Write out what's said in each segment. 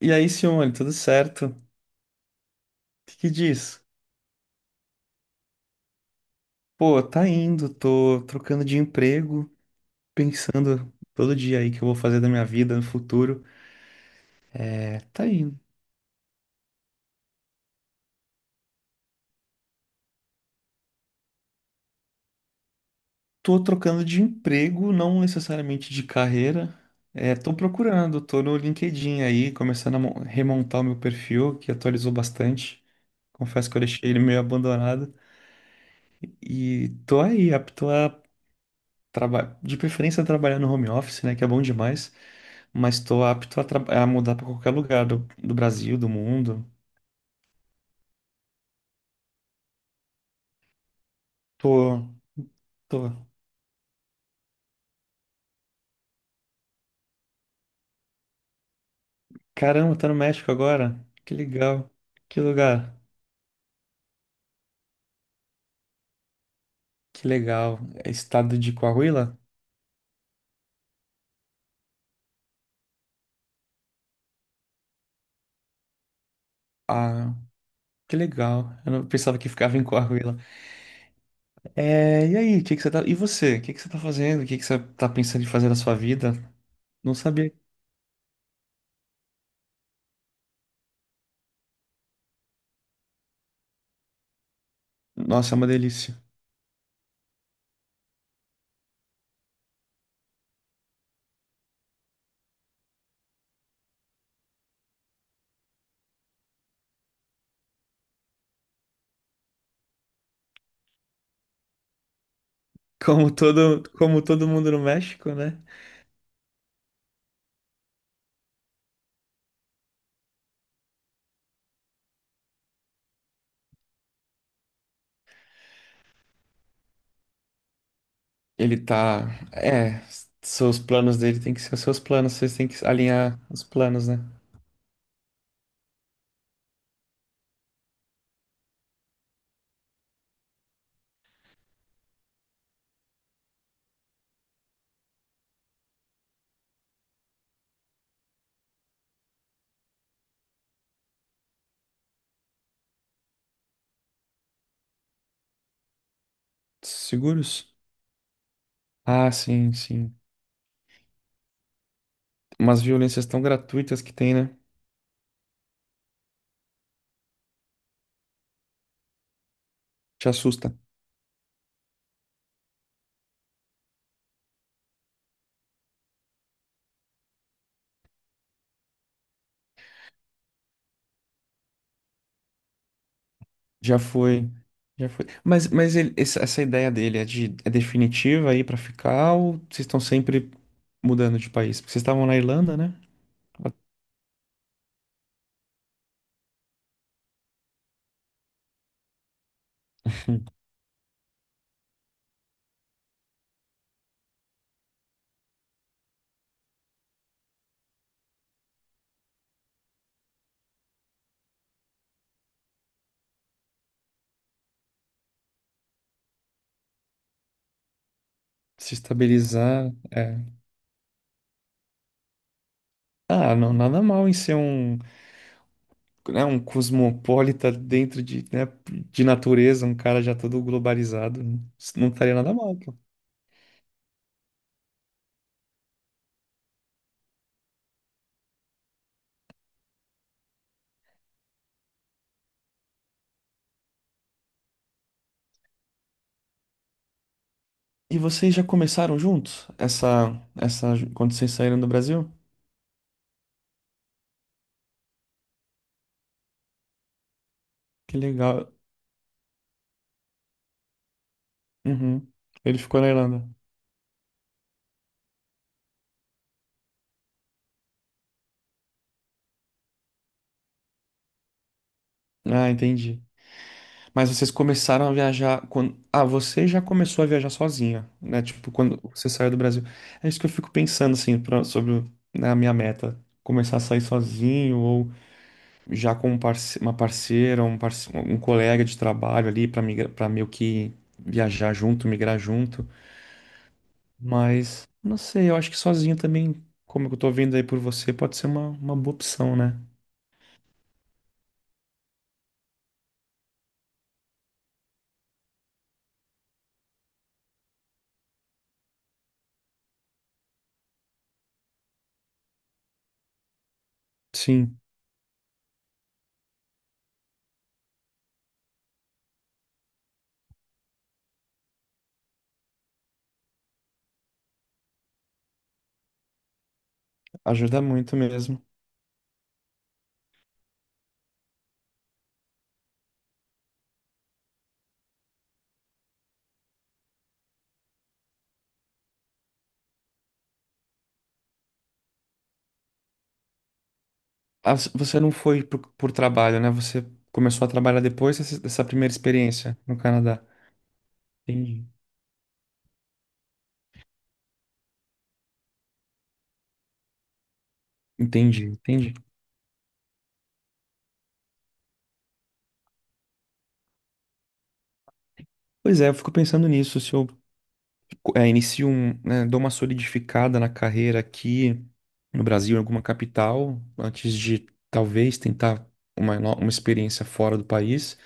E aí, Simone, tudo certo? O que que diz? Pô, tá indo, tô trocando de emprego, pensando todo dia aí que eu vou fazer da minha vida no futuro. É, tá indo. Tô trocando de emprego, não necessariamente de carreira. É, tô procurando, tô no LinkedIn aí, começando a remontar o meu perfil, que atualizou bastante. Confesso que eu deixei ele meio abandonado. E tô aí, apto a trabalhar, de preferência trabalhar no home office, né, que é bom demais. Mas estou apto a mudar para qualquer lugar do Brasil, do mundo. Tô, tô. Caramba, tá no México agora? Que legal. Que lugar? Que legal. É estado de Coahuila? Ah, que legal. Eu não pensava que ficava em Coahuila. É, e aí, o que que você tá... E você? O que que você tá fazendo? O que que você tá pensando em fazer na sua vida? Não sabia. Nossa, é uma delícia. Como todo mundo no México, né? Ele tá. É, seus planos dele tem que ser os seus planos, vocês têm que alinhar os planos, né? Seguros? Ah, sim, sim. Umas violências tão gratuitas que tem, né? Te assusta. Já foi. Já foi. Mas essa ideia dele é de é definitiva aí pra ficar, ou vocês estão sempre mudando de país? Porque vocês estavam na Irlanda, né? Pra se estabilizar. É. Ah, não, nada mal em ser um, né, um cosmopolita dentro de, né, de natureza, um cara já todo globalizado, não estaria nada mal, pô. E vocês já começaram juntos quando vocês saíram do Brasil? Que legal. Uhum. Ele ficou na Irlanda. Ah, entendi. Mas vocês começaram a viajar quando... Ah, você já começou a viajar sozinha, né? Tipo, quando você saiu do Brasil. É isso que eu fico pensando, assim, sobre né, a minha meta. Começar a sair sozinho ou já com um uma parceira, um colega de trabalho ali para para meio que viajar junto, migrar junto. Mas não sei, eu acho que sozinho também, como eu tô vendo aí por você, pode ser uma boa opção, né? Sim, ajuda muito mesmo. Ah, você não foi por trabalho, né? Você começou a trabalhar depois dessa primeira experiência no Canadá. Entendi. Entendi, entendi. Pois é, eu fico pensando nisso, se eu inicio um, né, dou uma solidificada na carreira aqui no Brasil, em alguma capital, antes de talvez tentar uma, no- uma experiência fora do país,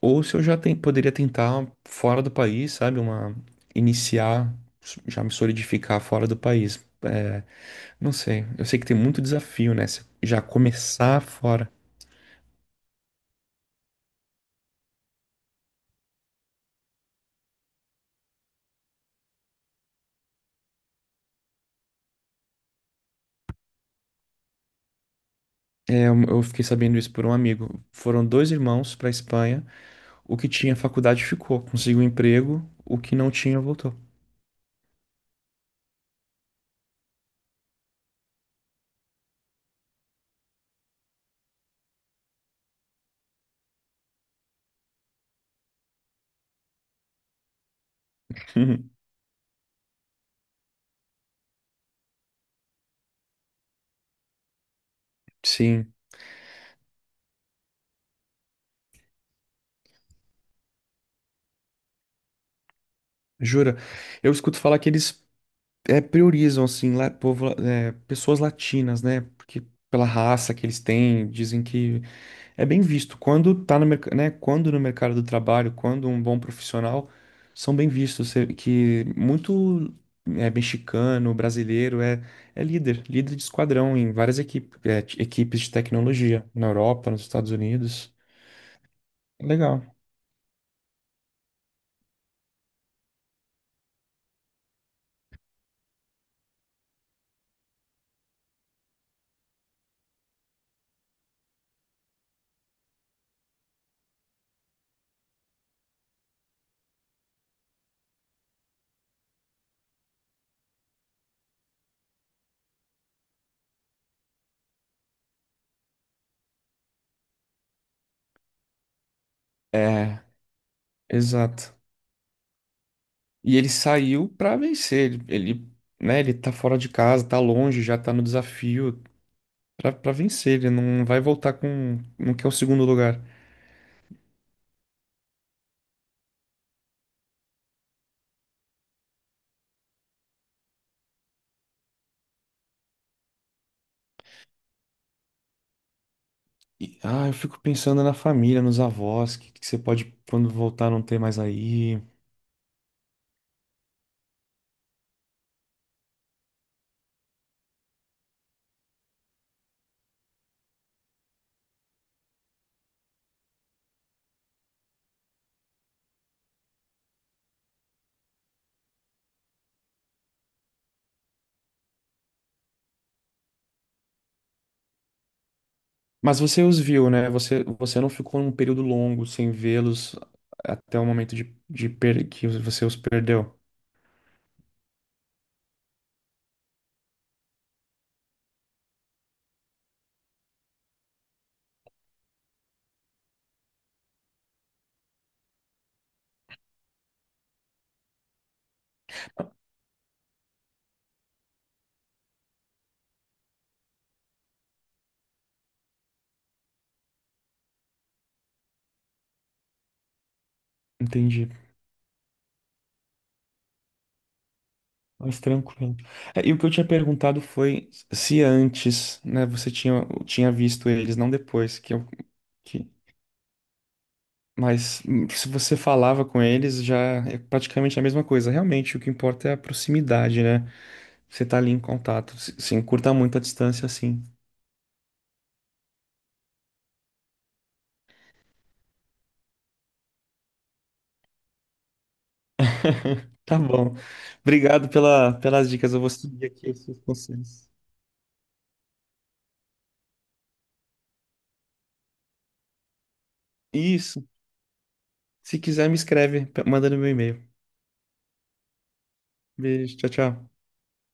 ou se eu já poderia tentar fora do país, sabe, iniciar, já me solidificar fora do país. É, não sei, eu sei que tem muito desafio, né? Se já começar fora. É, eu fiquei sabendo isso por um amigo. Foram dois irmãos para Espanha. O que tinha faculdade ficou, conseguiu um emprego, o que não tinha voltou. Uhum. Sim, jura. Eu escuto falar que eles, priorizam, assim, povo, pessoas latinas, né? Porque pela raça que eles têm, dizem que é bem visto. Quando tá no mercado, né? Quando no mercado do trabalho, quando um bom profissional, são bem vistos. Que muito, mexicano, brasileiro é líder, líder de esquadrão em várias equipes, equipes de tecnologia na Europa, nos Estados Unidos. Legal. É, exato. E ele saiu pra vencer. Ele, né, ele tá fora de casa, tá longe, já tá no desafio pra vencer. Ele não vai voltar com, não quer o segundo lugar. E, ah, eu fico pensando na família, nos avós, que você pode, quando voltar, não ter mais aí. Mas você os viu, né? Você não ficou um período longo sem vê-los até o momento de per que você os perdeu. Entendi. Mas tranquilo. É, e o que eu tinha perguntado foi se antes, né, você tinha visto eles, não depois, que eu, que, mas se você falava com eles, já é praticamente a mesma coisa. Realmente, o que importa é a proximidade, né? Você tá ali em contato, se encurta muito a distância, assim. Tá bom. Obrigado pelas dicas, eu vou seguir aqui os seus conselhos. Isso. Se quiser, me escreve, manda no meu e-mail. Beijo, tchau, tchau.